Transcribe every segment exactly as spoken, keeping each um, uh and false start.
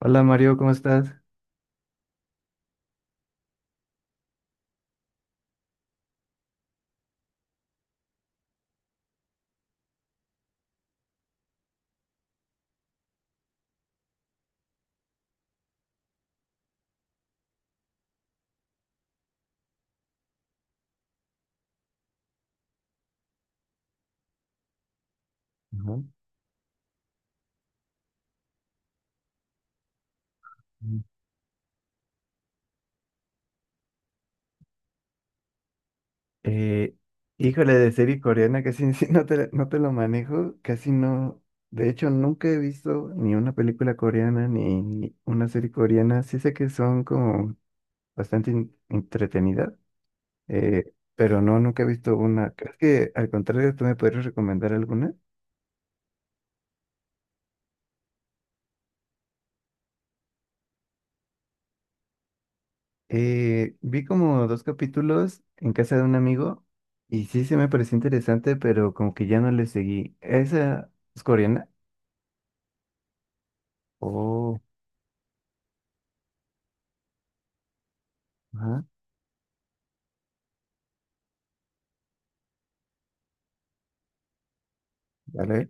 Hola Mario, ¿cómo estás? Ajá. Eh, Híjole, de serie coreana casi sí, no te, no te lo manejo, casi no. De hecho, nunca he visto ni una película coreana ni, ni una serie coreana. Sí sé que son como bastante in- entretenidas, eh, pero no, nunca he visto una. Creo que al contrario, tú me podrías recomendar alguna. Eh, vi como dos capítulos en casa de un amigo y sí se me pareció interesante, pero como que ya no le seguí. ¿Esa es coreana? Oh, ajá, vale.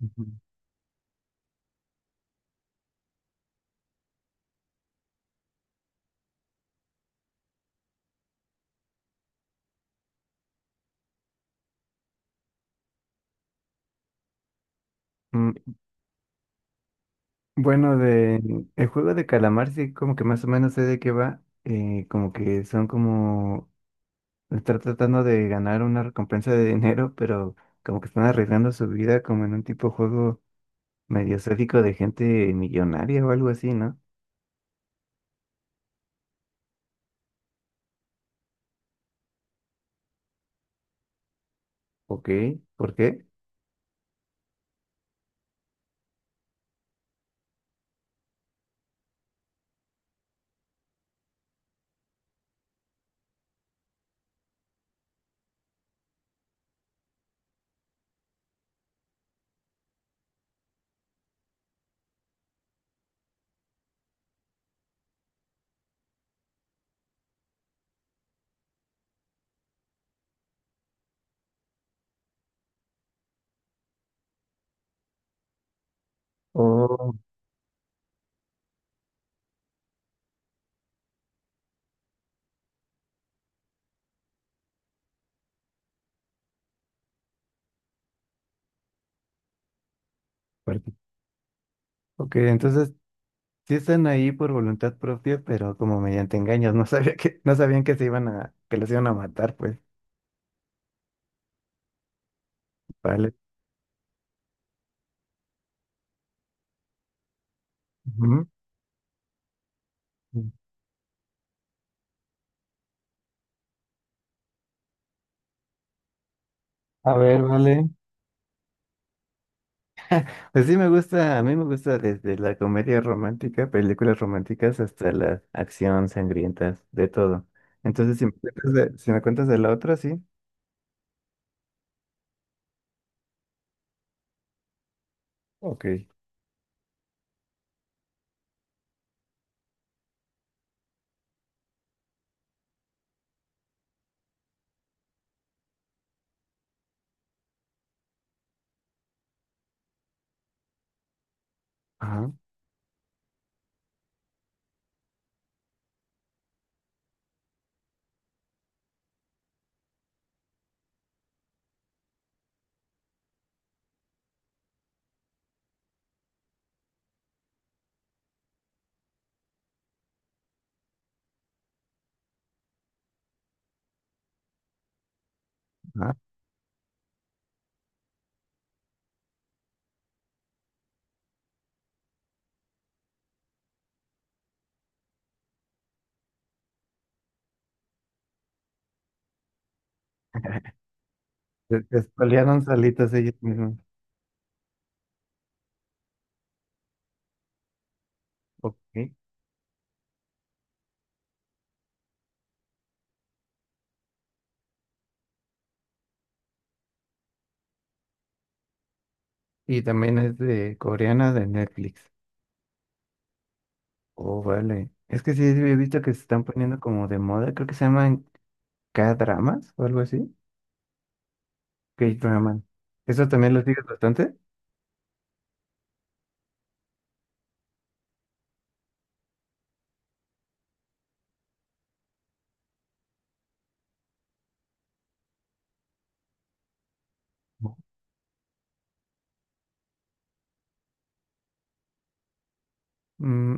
Ujú. Mm, bueno, de el juego de calamar sí como que más o menos sé de qué va, eh, como que son como estar tratando de ganar una recompensa de dinero, pero como que están arriesgando su vida como en un tipo juego medio sádico de gente millonaria o algo así, ¿no? Ok. ¿Por qué? Oh, fuerte. Ok, entonces sí están ahí por voluntad propia, pero como mediante engaños, no sabía que, no sabían que se iban a, que los iban a matar, pues. Vale. Ujú. A ver, vale. Pues sí me gusta, a mí me gusta desde la comedia romántica, películas románticas, hasta la acción sangrientas, de todo. Entonces, si me cuentas de, si me cuentas de la otra, sí. Ok. Ajá. Ajá. Se se espolearon salitas ellas mismas. Ok. Y también es de coreana de Netflix. Oh, vale. Es que sí, sí he visto que se están poniendo como de moda, creo que se llaman K-dramas o algo así. K-dramas. ¿Eso también lo sigues bastante? Mm,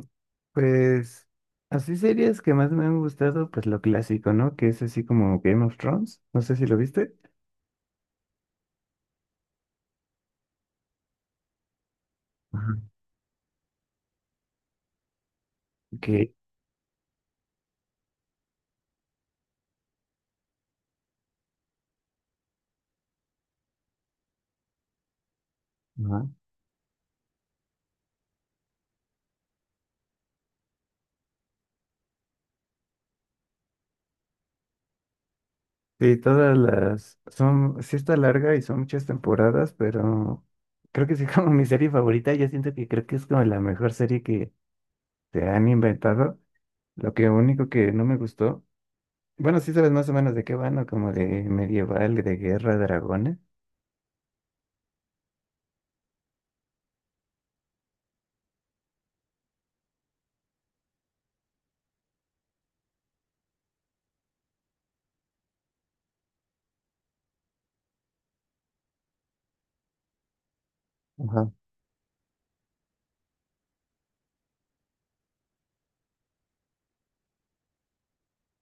pues así series que más me han gustado, pues lo clásico, ¿no? Que es así como Game of Thrones, no sé si lo viste. Ajá. Que ajá. Sí, todas las son, sí está larga y son muchas temporadas, pero creo que sí como mi serie favorita, yo siento que creo que es como la mejor serie que se han inventado. Lo que único que no me gustó, bueno, sí sabes más o menos de qué van, ¿no? Como de medieval, de guerra, dragones.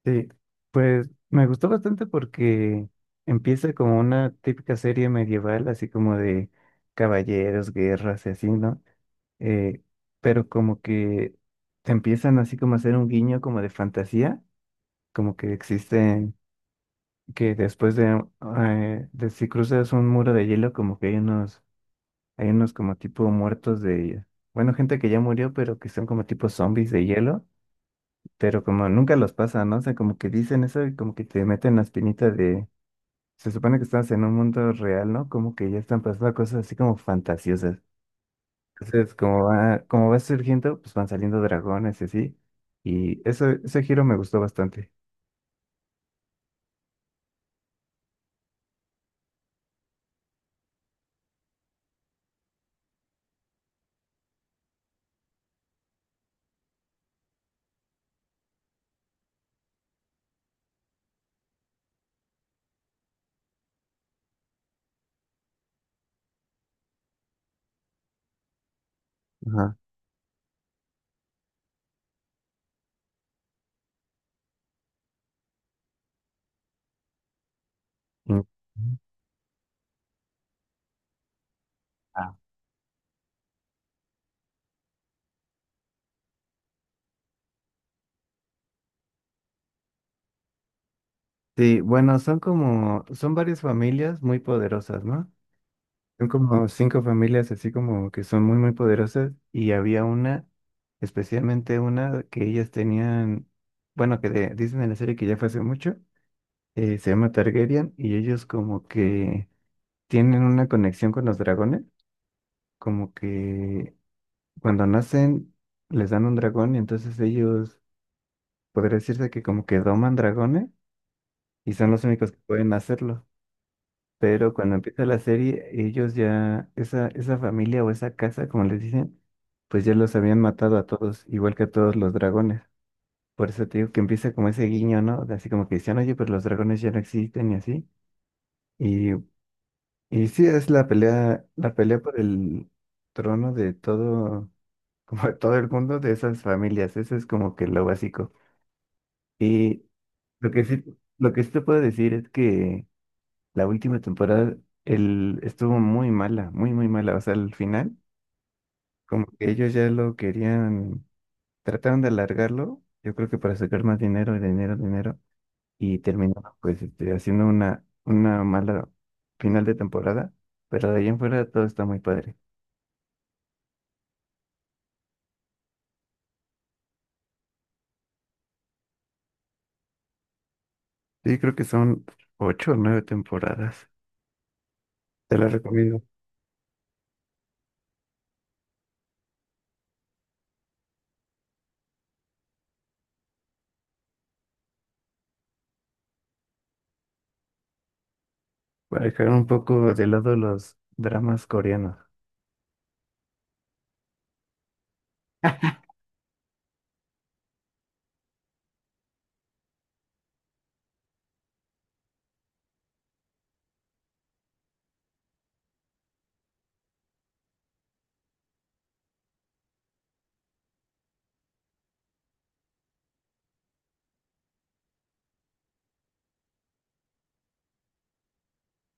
Sí, pues me gustó bastante porque empieza como una típica serie medieval, así como de caballeros, guerras y así, ¿no? Eh, pero como que te empiezan así como a hacer un guiño como de fantasía, como que existen, que después de, eh, de si cruzas un muro de hielo, como que hay unos, hay unos como tipo muertos de, bueno, gente que ya murió, pero que son como tipo zombies de hielo pero como nunca los pasa, ¿no? O sea, como que dicen eso y como que te meten la espinita de, se supone que estás en un mundo real, ¿no? Como que ya están pasando cosas así como fantasiosas. Entonces, como va, como va surgiendo, pues van saliendo dragones y así. Y eso, ese giro me gustó bastante. Ajá. Y- Ah. Sí, bueno, son como, son varias familias muy poderosas, ¿no? Son como cinco familias así como que son muy, muy poderosas y había una, especialmente una que ellas tenían, bueno, que de- dicen en la serie que ya fue hace mucho, eh, se llama Targaryen y ellos como que tienen una conexión con los dragones, como que cuando nacen les dan un dragón y entonces ellos, podría decirse que como que doman dragones y son los únicos que pueden hacerlo. Pero cuando empieza la serie, ellos ya, esa, esa familia o esa casa, como les dicen, pues ya los habían matado a todos, igual que a todos los dragones. Por eso te digo que empieza como ese guiño, ¿no? De así como que decían, oye, pero los dragones ya no existen y así. Y, y sí, es la pelea, la pelea por el trono de todo, como de todo el mundo de esas familias. Eso es como que lo básico. Y lo que sí, lo que sí te puedo decir es que la última temporada el, estuvo muy mala, muy, muy mala. O sea, al final, como que ellos ya lo querían, trataron de alargarlo, yo creo que para sacar más dinero, dinero, dinero, y terminaron pues este, haciendo una, una mala final de temporada, pero de ahí en fuera todo está muy padre. Sí, creo que son ocho o nueve temporadas. Te la recomiendo. Para dejar un poco de lado los dramas coreanos.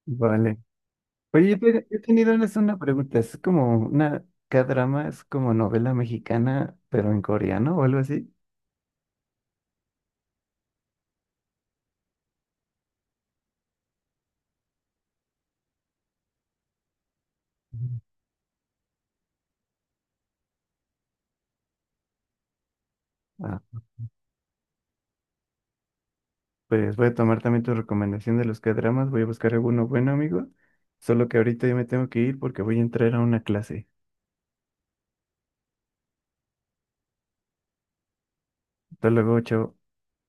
Vale. Oye, yo te- yo tenía una, una pregunta. ¿Es como una K-drama? ¿Es como novela mexicana, pero en coreano o algo así? Ujú. Ah, pues voy a tomar también tu recomendación de los K-dramas. Voy a buscar alguno bueno, amigo. Solo que ahorita yo me tengo que ir porque voy a entrar a una clase. Hasta luego, chao.